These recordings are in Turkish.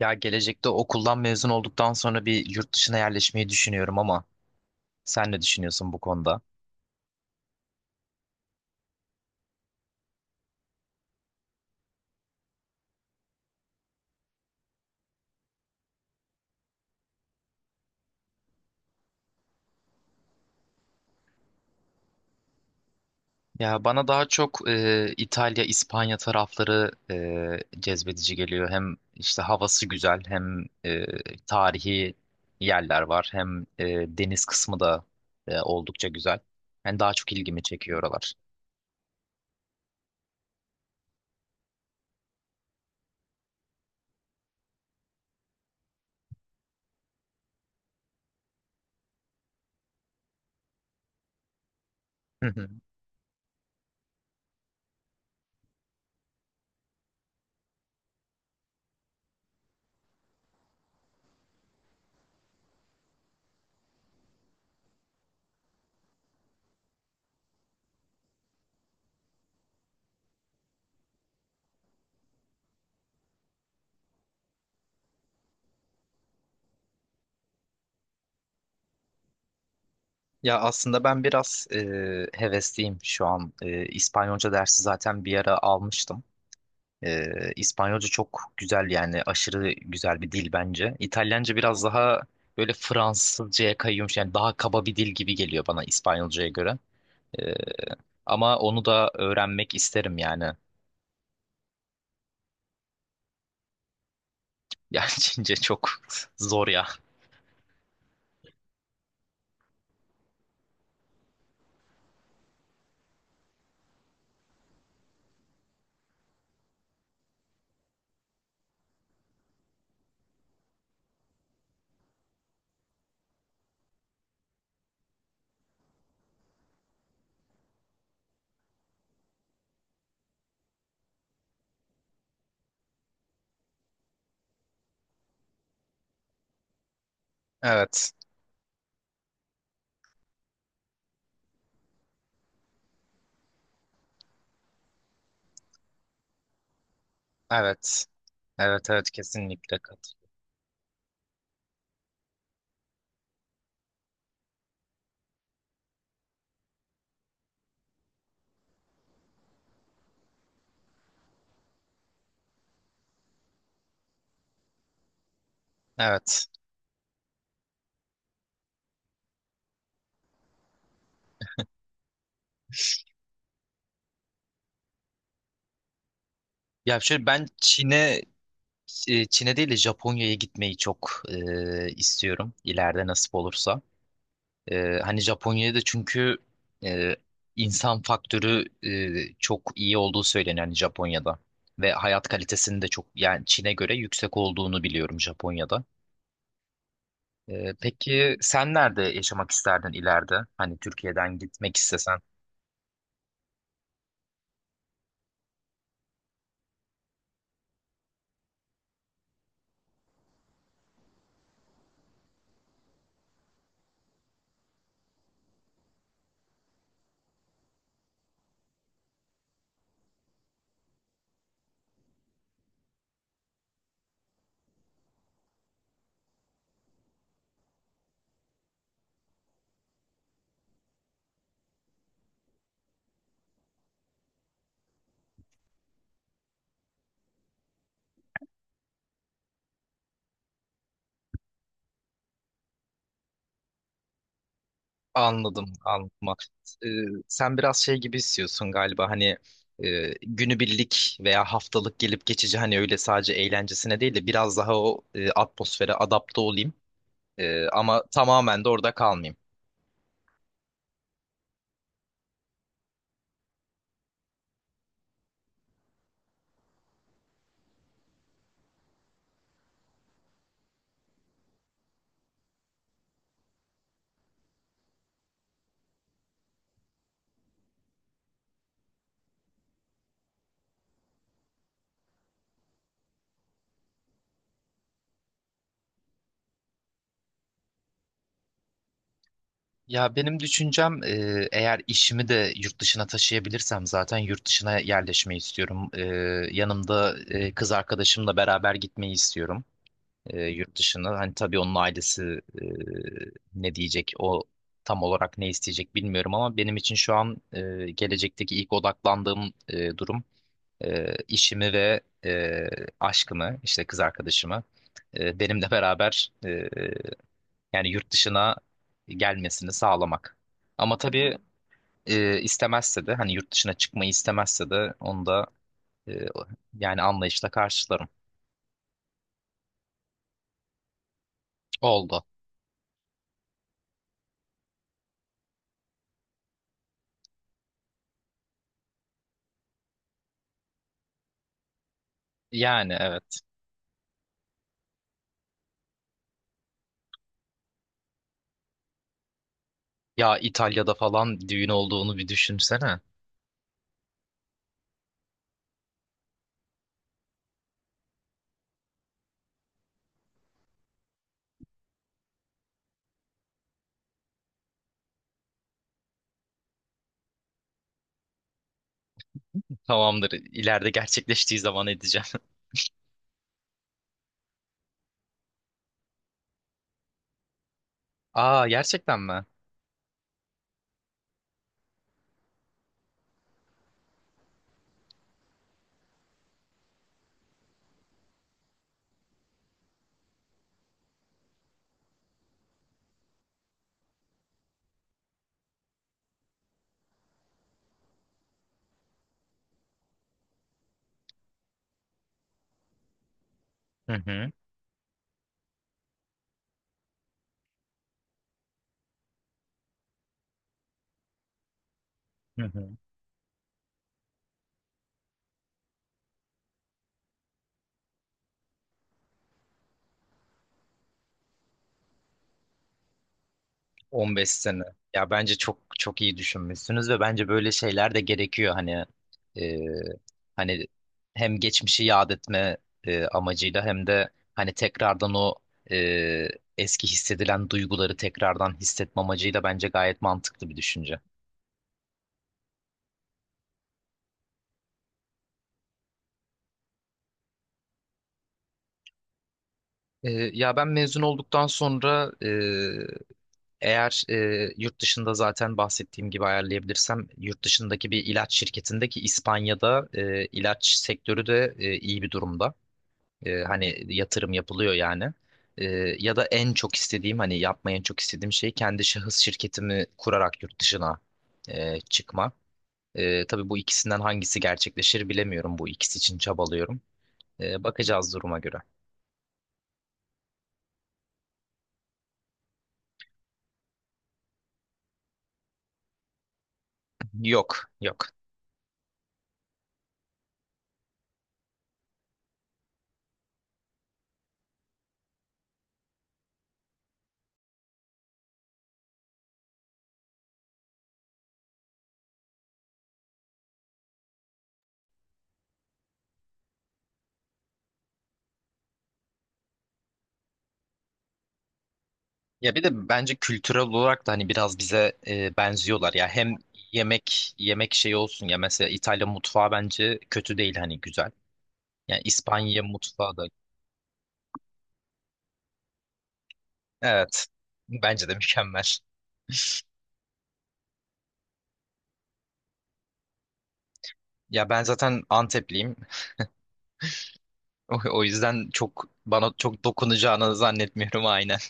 Ya gelecekte okuldan mezun olduktan sonra bir yurt dışına yerleşmeyi düşünüyorum ama sen ne düşünüyorsun bu konuda? Ya bana daha çok İtalya, İspanya tarafları cezbedici geliyor. Hem işte havası güzel, hem tarihi yerler var, hem deniz kısmı da oldukça güzel. Yani daha çok ilgimi çekiyor oralar. Ya aslında ben biraz hevesliyim şu an. İspanyolca dersi zaten bir ara almıştım. İspanyolca çok güzel, yani aşırı güzel bir dil bence. İtalyanca biraz daha böyle Fransızcaya kayıyormuş, yani daha kaba bir dil gibi geliyor bana İspanyolcaya göre. E, Ama onu da öğrenmek isterim yani. Yani Çince çok zor ya. Evet, evet, evet, evet, kesinlikle kat. Evet. Ya şöyle ben Çin'e Çin'e değil de Japonya'ya gitmeyi çok istiyorum, ileride nasip olursa. Hani Japonya'da çünkü e, insan faktörü çok iyi olduğu söyleniyor hani Japonya'da ve hayat kalitesinin de çok, yani Çin'e göre yüksek olduğunu biliyorum Japonya'da. Peki sen nerede yaşamak isterdin ileride? Hani Türkiye'den gitmek istesen. Anladım, anladım. Ee, Sen biraz şey gibi istiyorsun galiba, hani günübirlik veya haftalık gelip geçici, hani öyle sadece eğlencesine değil de biraz daha o atmosfere adapte olayım. Ama tamamen de orada kalmayayım. Ya benim düşüncem eğer işimi de yurt dışına taşıyabilirsem zaten yurt dışına yerleşmeyi istiyorum. Yanımda kız arkadaşımla beraber gitmeyi istiyorum yurt dışına. Hani tabii onun ailesi ne diyecek, o tam olarak ne isteyecek bilmiyorum, ama benim için şu an gelecekteki ilk odaklandığım durum işimi ve aşkımı, işte kız arkadaşımı benimle beraber yani yurt dışına gelmesini sağlamak. Ama tabii istemezse de, hani yurt dışına çıkmayı istemezse de onu da e, yani anlayışla karşılarım. Oldu. Yani evet. Ya İtalya'da falan düğün olduğunu bir düşünsene. Tamamdır. İleride gerçekleştiği zaman edeceğim. Aa, gerçekten mi? Hı hı. Hı hı. 15 sene. Ya bence çok çok iyi düşünmüşsünüz ve bence böyle şeyler de gerekiyor, hani e, hani hem geçmişi yad etme amacıyla, hem de hani tekrardan o e, eski hissedilen duyguları tekrardan hissetme amacıyla bence gayet mantıklı bir düşünce. Ya ben mezun olduktan sonra eğer yurt dışında zaten bahsettiğim gibi ayarlayabilirsem, yurt dışındaki bir ilaç şirketindeki İspanya'da ilaç sektörü de iyi bir durumda. Hani yatırım yapılıyor yani. E, Ya da en çok istediğim, hani yapmayı en çok istediğim şey, kendi şahıs şirketimi kurarak yurt dışına çıkma. Tabii bu ikisinden hangisi gerçekleşir bilemiyorum. Bu ikisi için çabalıyorum. Bakacağız duruma göre. Yok, yok. Ya bir de bence kültürel olarak da hani biraz bize benziyorlar ya, hem yemek yemek şeyi olsun ya, mesela İtalya mutfağı bence kötü değil, hani güzel. Yani İspanya mutfağı da evet, bence de mükemmel. Ya ben zaten Antepliyim. O yüzden çok bana çok dokunacağını zannetmiyorum, aynen.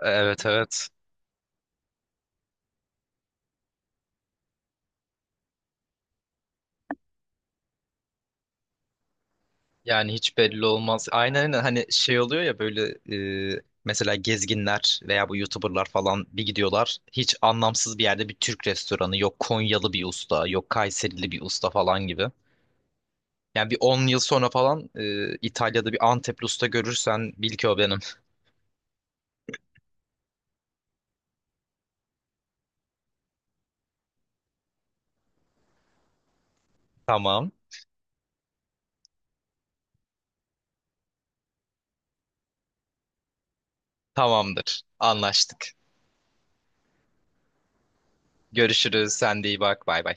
Evet, evet. Yani hiç belli olmaz. Aynen, aynen, hani şey oluyor ya, böyle mesela gezginler veya bu YouTuber'lar falan bir gidiyorlar. Hiç anlamsız bir yerde bir Türk restoranı, yok Konyalı bir usta, yok Kayserili bir usta falan gibi. Yani bir 10 yıl sonra falan İtalya'da bir Antepli usta görürsen, bil ki o benim. Tamam. Tamamdır. Anlaştık. Görüşürüz. Sen de iyi bak. Bay bay.